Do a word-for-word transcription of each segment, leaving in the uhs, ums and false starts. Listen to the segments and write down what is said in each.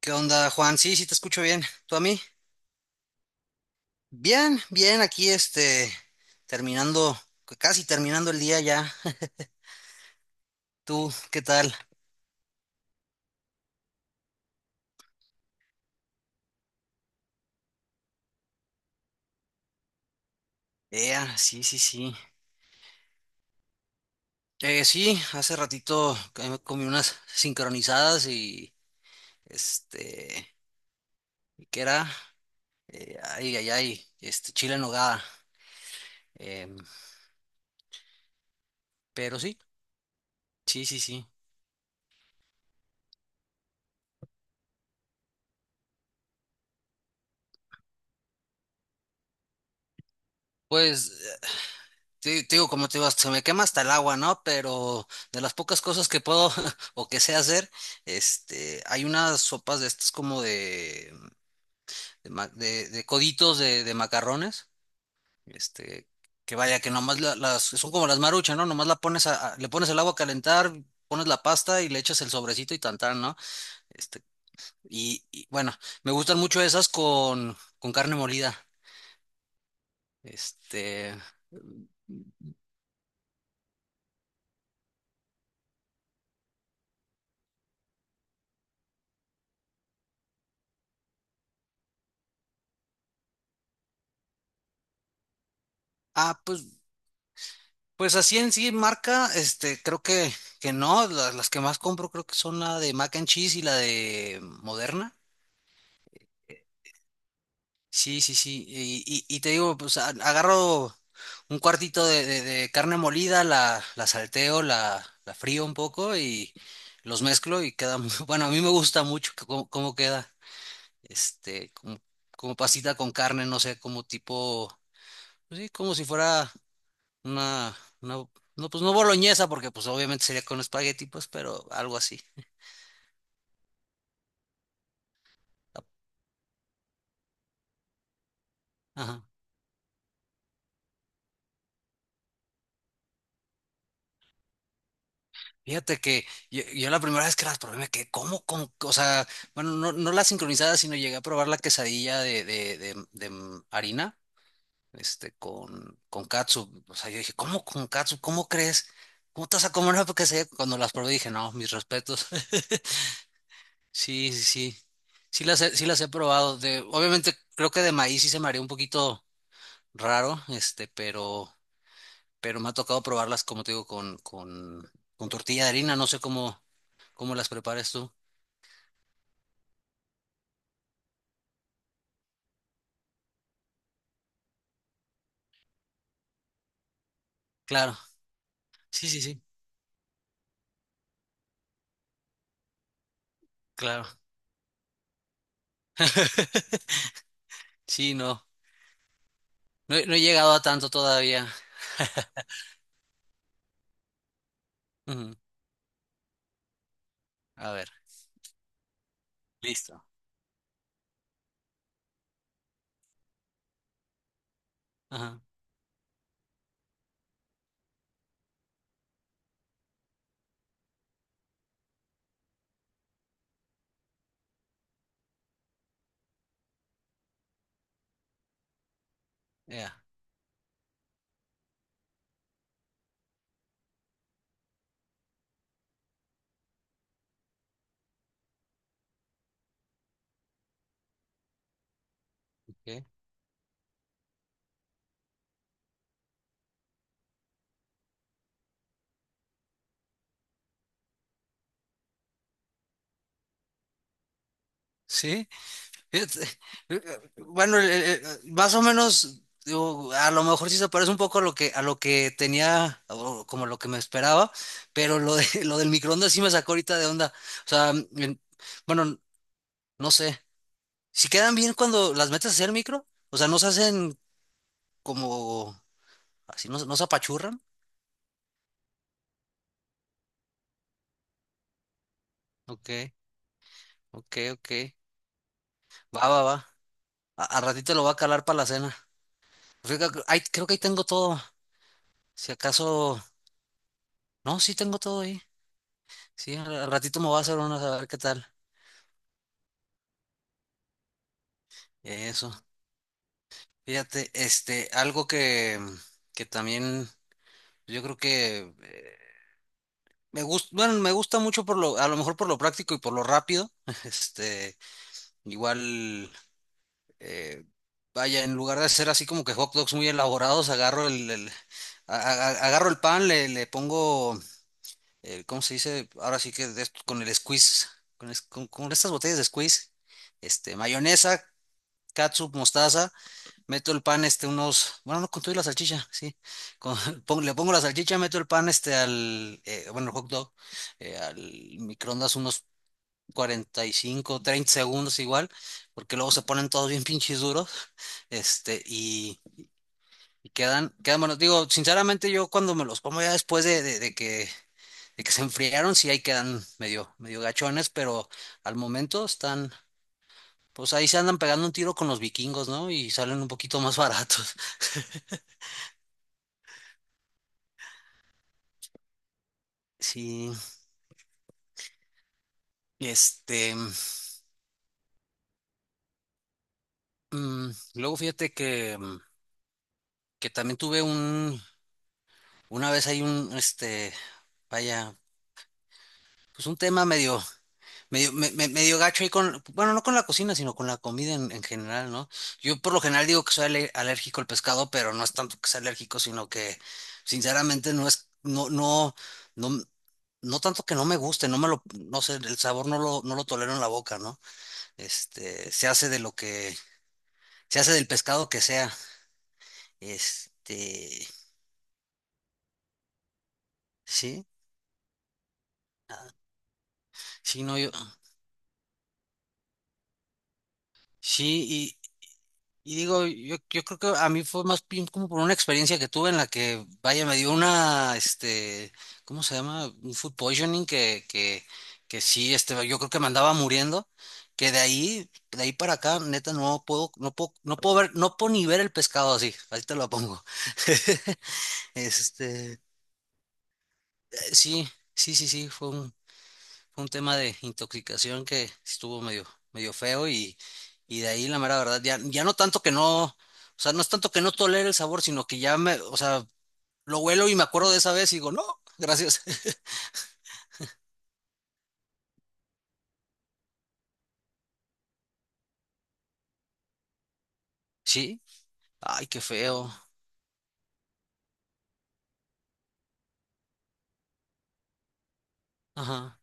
¿Qué onda, Juan? Sí, sí, te escucho bien. ¿Tú a mí? Bien, bien, aquí este, terminando, casi terminando el día ya. ¿Tú qué tal? Ea, sí, sí, sí. Eh, sí, hace ratito que me comí unas sincronizadas y este, ¿y ¿qué era? Eh, ay, ay, ay, este, chile en nogada. Em, pero sí, sí, sí, sí. Pues Sí, te digo, como te digo, se me quema hasta el agua, ¿no? Pero de las pocas cosas que puedo o que sé hacer, este, hay unas sopas de estas como de, de, ma- de- de coditos de, de macarrones, este, que vaya, que nomás la- las, son como las maruchas, ¿no? Nomás la pones a, a- le pones el agua a calentar, pones la pasta y le echas el sobrecito y tantán, ¿no? Este, y, y, bueno, me gustan mucho esas con, con carne molida, este... Ah, pues Pues así en sí, marca, este, creo que, que no, la- las, que más compro creo que son la de Mac and Cheese y la de Moderna. Sí, sí, sí. Y, y- y te digo, pues a- agarro un cuartito de, de- de carne molida, la, la salteo, la, la frío un poco y los mezclo y queda muy, bueno, a mí me gusta mucho que cómo, cómo queda, este, como, como pasita con carne, no sé, como tipo, pues sí, como si fuera. Una, una- no, pues no boloñesa, porque pues obviamente sería con espagueti, pues, pero algo así. Ajá. Fíjate que yo, yo la primera vez que las probé me quedé, ¿cómo, cómo? O sea, bueno, no, no la sincronizada, sino llegué a probar la quesadilla de, de, de, de m- harina, este, con, con catsup. O sea, yo dije, ¿cómo con catsup? ¿Cómo crees? ¿Cómo te vas a comer una quesadilla? Cuando las probé dije, no, mis respetos. Sí, sí, sí. Sí las he, sí las he probado. De, obviamente creo que de maíz sí se me haría un poquito raro, este, pero pero me ha tocado probarlas, como te digo, con, con, con tortilla de harina, no sé cómo, cómo las prepares tú. Claro, sí, sí, sí, claro. Sí, no, no, he no he llegado a tanto todavía. Ujú. A ver, listo. Ajá, ya, ok. Sí, fíjate, eh, bueno, el- el- el- más o menos, digo, a lo mejor sí se parece un poco a lo que, a lo que tenía, o como lo que me esperaba, pero lo de, lo del microondas sí me sacó ahorita de onda. O sea, en- bueno, no sé. Si quedan bien cuando las metes hacia el micro, o sea, no se hacen como así, no, no se apachurran. Ok, ok, ok. Va, va, va. A, al ratito lo voy a calar para la cena. Fíjate que ahí- creo que ahí tengo todo. Si acaso, no, sí tengo todo ahí. Sí, al, al ratito me voy a hacer unas a ver qué tal. Eso. Fíjate, este, algo que, que también yo creo que eh, me gusta, bueno, me gusta mucho por lo, a lo mejor por lo práctico y por lo rápido. Este, igual. eh, Vaya, en lugar de hacer así como que hot dogs muy elaborados, agarro el, el- a- a- agarro el pan, le, le pongo, eh, ¿cómo se dice? Ahora sí que de esto- con el squeeze, con, es- con- con estas botellas de squeeze, este, mayonesa, catsup, mostaza, meto el pan, este, unos, bueno, no con todo y la salchicha, sí, con- pon- le pongo la salchicha, meto el pan, este, al, eh, bueno, el hot dog, eh, al microondas unos cuarenta y cinco treinta segundos igual, porque luego se ponen todos bien pinches duros, este, y, y quedan, quedan buenos. Digo, sinceramente yo cuando me los como ya después de, de- de que, de que se enfriaron, sí ahí quedan medio, medio gachones, pero al momento están, pues ahí se andan pegando un tiro con los vikingos, ¿no? Y salen un poquito más baratos. Sí, este, mm, luego fíjate que, mm, que también tuve un, una vez hay un, este, vaya, pues un tema medio. Medio, me, me- medio gacho ahí con, bueno, no con la cocina, sino con la comida en, en general, ¿no? Yo por lo general digo que soy ale- alérgico al pescado, pero no es tanto que sea alérgico, sino que sinceramente no es, no, no, no, no tanto que no me guste, no me lo, no sé, el sabor no lo, no lo tolero en la boca, ¿no? Este, se hace de lo que, se hace del pescado que sea. Este, sí, sí, no, yo, sí. Y digo, yo, yo creo que a mí fue más bien como por una experiencia que tuve en la que, vaya, me dio una, este, ¿cómo se llama? Un food poisoning que, que, que sí, este, yo creo que me andaba muriendo, que de ahí, de ahí para acá, neta, no puedo, no puedo, no puedo ver, no puedo ni ver el pescado así, ahí te lo pongo. Este, eh, sí, sí, sí, sí, fue un, fue un tema de intoxicación que estuvo medio, medio feo y, y de ahí la mera verdad, ya, ya no tanto que no, o sea, no es tanto que no tolere el sabor, sino que ya me, o sea, lo huelo y me acuerdo de esa vez y digo, no, gracias. Sí, ay, qué feo. Ajá.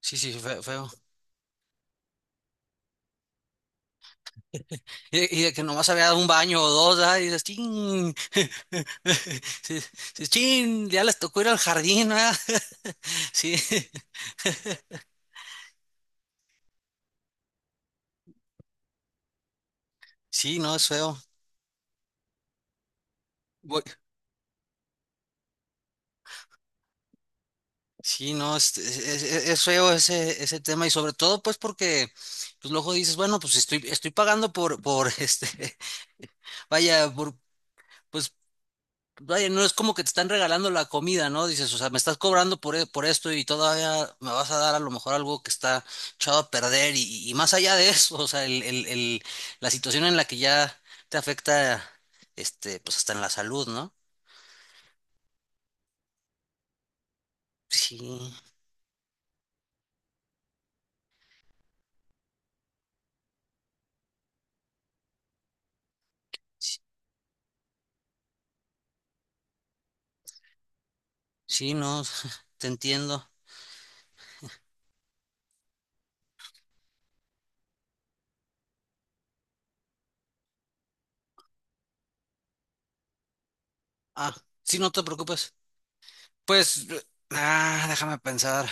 Sí, sí, feo, feo. Y, y de que nomás había dado un baño o dos, ¿ah? Y dices, chin, sí, sí, chin, ya les tocó ir al jardín, ¿ah? Sí, sí, no, es feo. Voy- Sí, no, es, es- es- es feo ese, ese tema y sobre todo pues porque pues luego dices, bueno, pues estoy, estoy pagando por, por este, vaya, por, pues vaya, no es como que te están regalando la comida, ¿no? Dices, o sea, me estás cobrando por, e- por esto y todavía me vas a dar a lo mejor algo que está echado a perder y, y más allá de eso, o sea, el, el, el- la situación en la que ya te afecta, este, pues hasta en la salud, ¿no? Sí, sí, sí, no, te entiendo. Ah, sí, no te preocupes. Pues, ah, déjame pensar.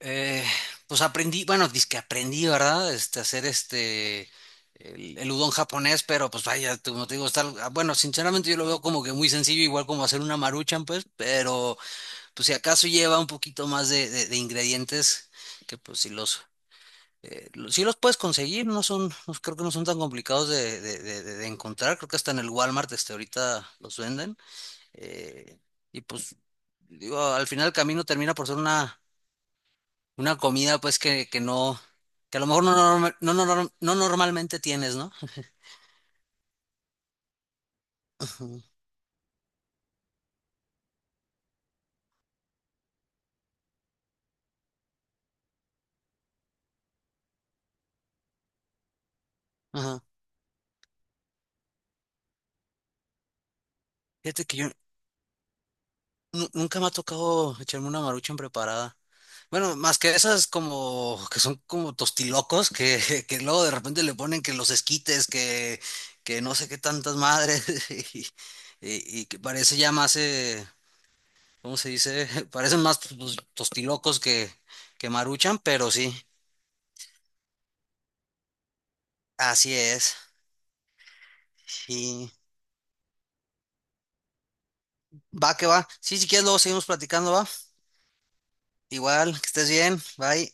Eh, pues aprendí, bueno, que aprendí, ¿verdad? Este, hacer este, el, el udon japonés, pero pues vaya, te- como te digo, está, ah, bueno, sinceramente yo lo veo como que muy sencillo, igual como hacer una maruchan, pues, pero pues si acaso lleva un poquito más de, de- de ingredientes, que pues si los, eh, lo- si los puedes conseguir, no son, no- creo que no son tan complicados de, de- de- de de encontrar, creo que hasta en el Walmart, este, ahorita los venden. eh, y pues digo, al final el camino termina por ser una, una comida, pues, que, que no, que a lo mejor no, norma- no, no, no, no normalmente tienes, ¿no? Ujú. Ajá. Fíjate que yo nu- nunca me ha tocado echarme una maruchan preparada. Bueno, más que esas como que son como tostilocos que, que luego de repente le ponen que los esquites, que, que no sé qué tantas madres y, y- y que parece ya más, eh, ¿cómo se dice? Parecen más pues, tostilocos que, que maruchan, pero sí, así es. Sí, va que va. Sí, si quieres, luego seguimos platicando, va. Igual, que estés bien. Bye.